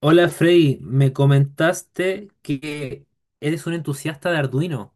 Hola Freddy, me comentaste que eres un entusiasta de Arduino.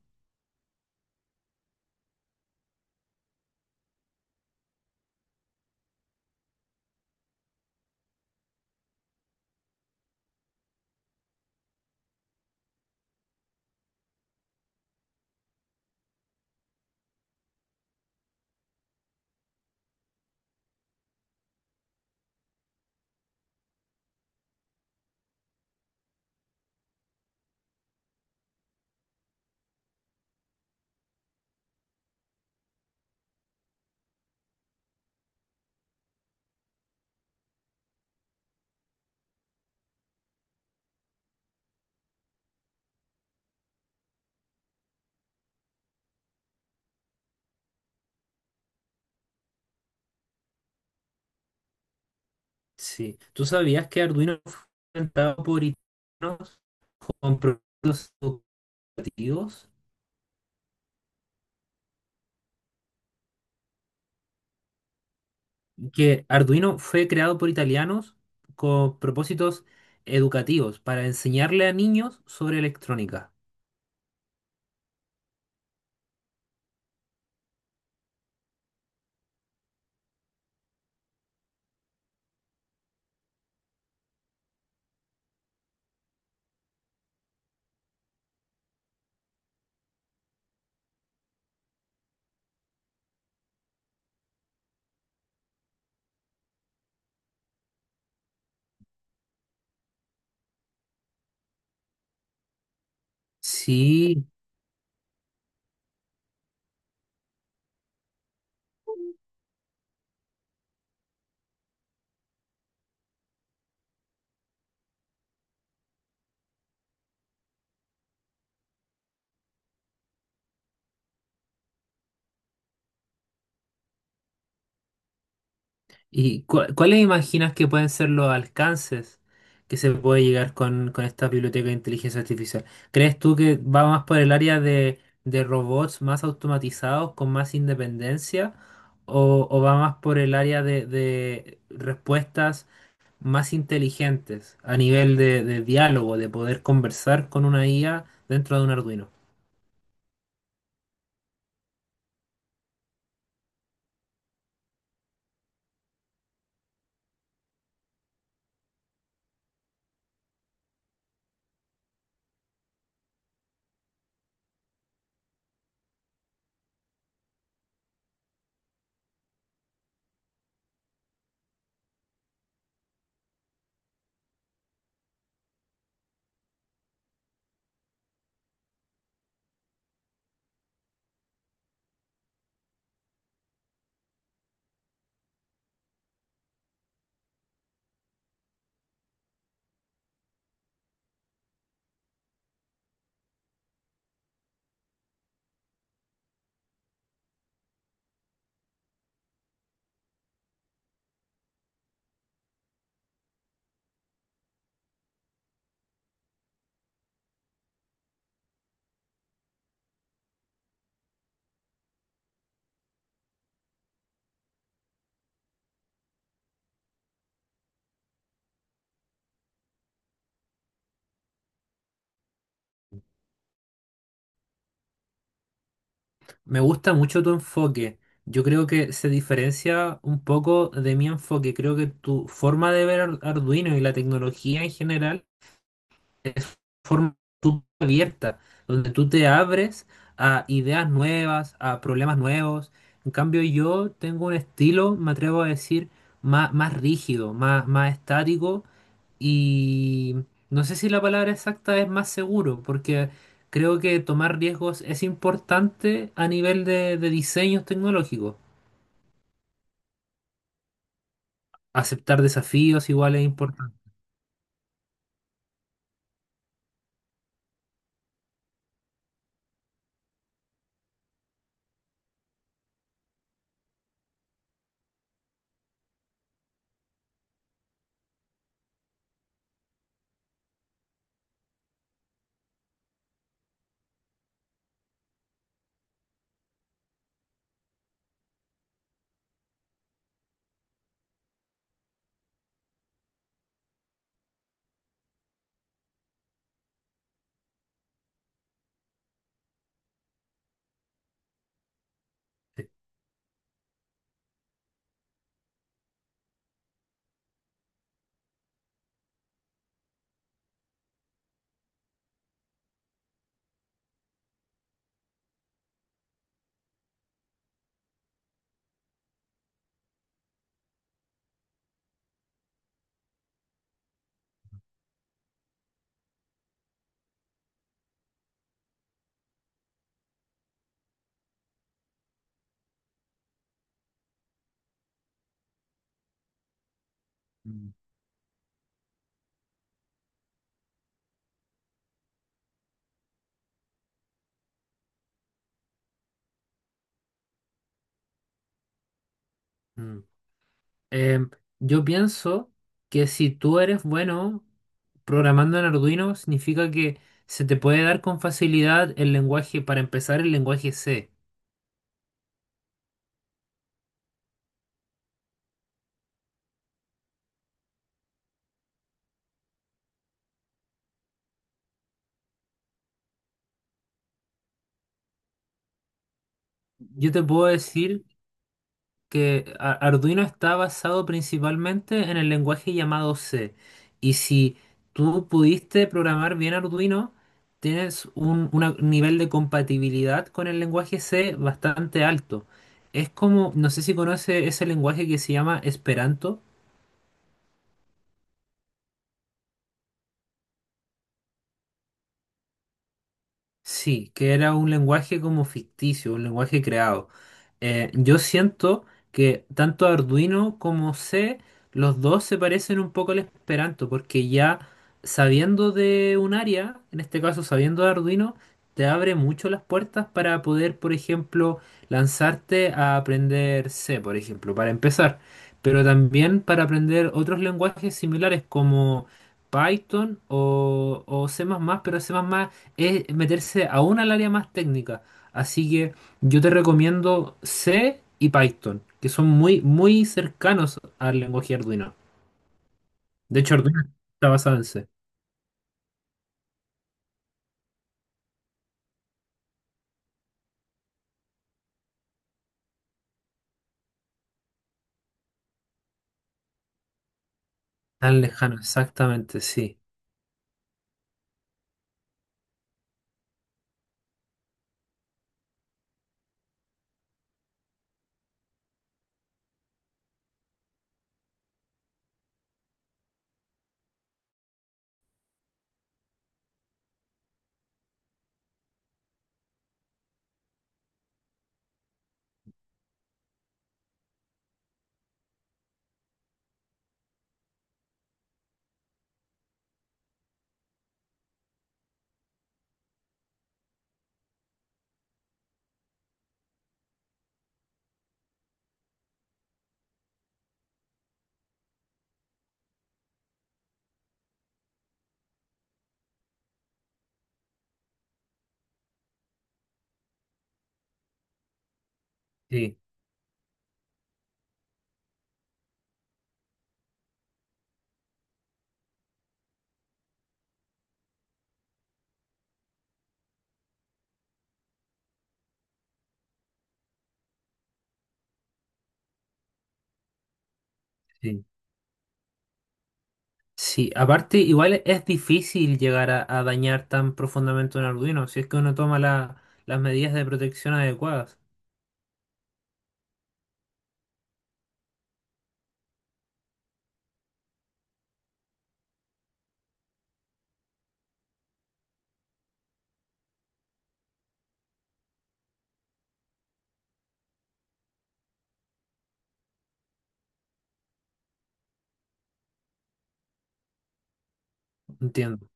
Sí, ¿tú sabías que Arduino fue inventado por italianos con propósitos educativos? Que Arduino fue creado por italianos con propósitos educativos para enseñarle a niños sobre electrónica. Sí, ¿Y cuáles imaginas que pueden ser los alcances que se puede llegar con esta biblioteca de inteligencia artificial? ¿Crees tú que va más por el área de robots más automatizados, con más independencia? ¿O va más por el área de respuestas más inteligentes a nivel de diálogo, de poder conversar con una IA dentro de un Arduino? Me gusta mucho tu enfoque. Yo creo que se diferencia un poco de mi enfoque. Creo que tu forma de ver Arduino y la tecnología en general es forma abierta, donde tú te abres a ideas nuevas, a problemas nuevos. En cambio, yo tengo un estilo, me atrevo a decir, más, rígido, más, estático, y no sé si la palabra exacta es más seguro, porque creo que tomar riesgos es importante a nivel de diseños tecnológicos. Aceptar desafíos igual es importante. Mm. Mm. Em, yo pienso que si tú eres bueno programando en Arduino, significa que se te puede dar con facilidad el lenguaje, para empezar, el lenguaje C. Yo te puedo decir que Arduino está basado principalmente en el lenguaje llamado C. Y si tú pudiste programar bien Arduino, tienes un nivel de compatibilidad con el lenguaje C bastante alto. Es como, no sé si conoce ese lenguaje que se llama Esperanto. Sí, que era un lenguaje como ficticio, un lenguaje creado. Yo siento que tanto Arduino como C, los dos se parecen un poco al Esperanto, porque ya sabiendo de un área, en este caso sabiendo de Arduino, te abre mucho las puertas para poder, por ejemplo, lanzarte a aprender C, por ejemplo, para empezar, pero también para aprender otros lenguajes similares como Python o C++, pero C++ es meterse aún al área más técnica. Así que yo te recomiendo C y Python, que son muy, muy cercanos al lenguaje Arduino. De hecho, Arduino está basado en C. Tan lejano, exactamente, sí, sí, sí. Sí, aparte igual es difícil llegar a dañar tan profundamente un Arduino si es que uno toma las medidas de protección adecuadas. Entiendo.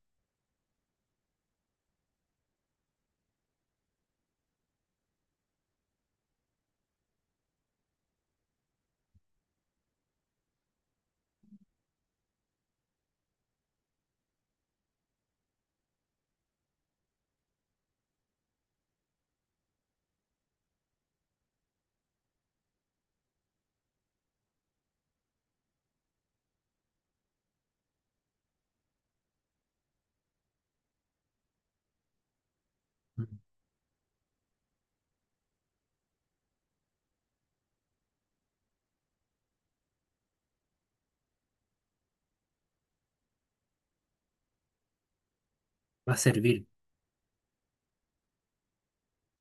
Va a servir.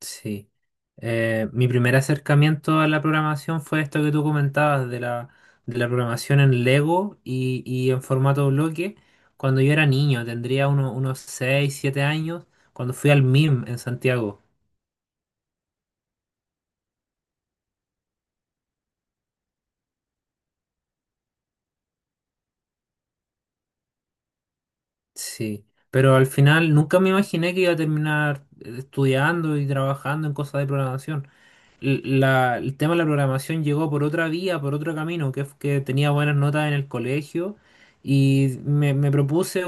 Sí. Mi primer acercamiento a la programación fue esto que tú comentabas de la programación en Lego y en formato bloque. Cuando yo era niño, tendría unos 6 7 años, cuando fui al MIM en Santiago. Sí. Pero al final nunca me imaginé que iba a terminar estudiando y trabajando en cosas de programación. El tema de la programación llegó por otra vía, por otro camino, que tenía buenas notas en el colegio y me propuse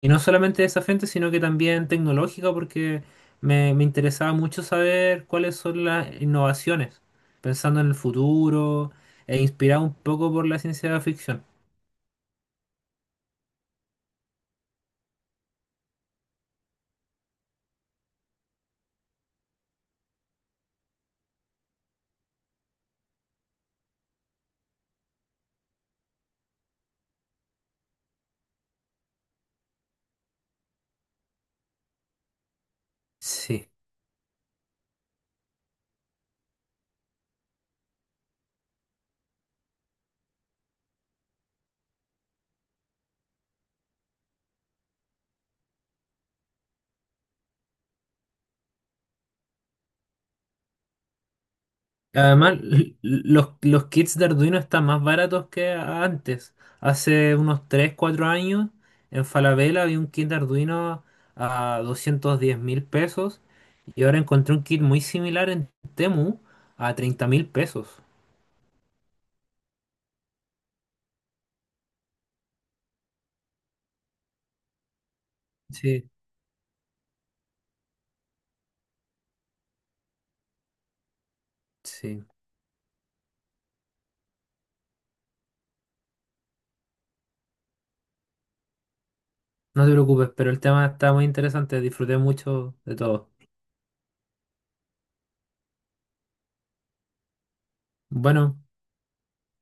Y no solamente de esa frente, sino que también tecnológica, porque me interesaba mucho saber cuáles son las innovaciones, pensando en el futuro, e inspirado un poco por la ciencia de la ficción. Sí. Además, los kits de Arduino están más baratos que antes. Hace unos 3 4 años, en Falabella había un kit de Arduino a 210.000 pesos, y ahora encontré un kit muy similar en Temu a 30.000 pesos. Sí, sí. No te preocupes, pero el tema está muy interesante. Disfruté mucho de todo. Bueno.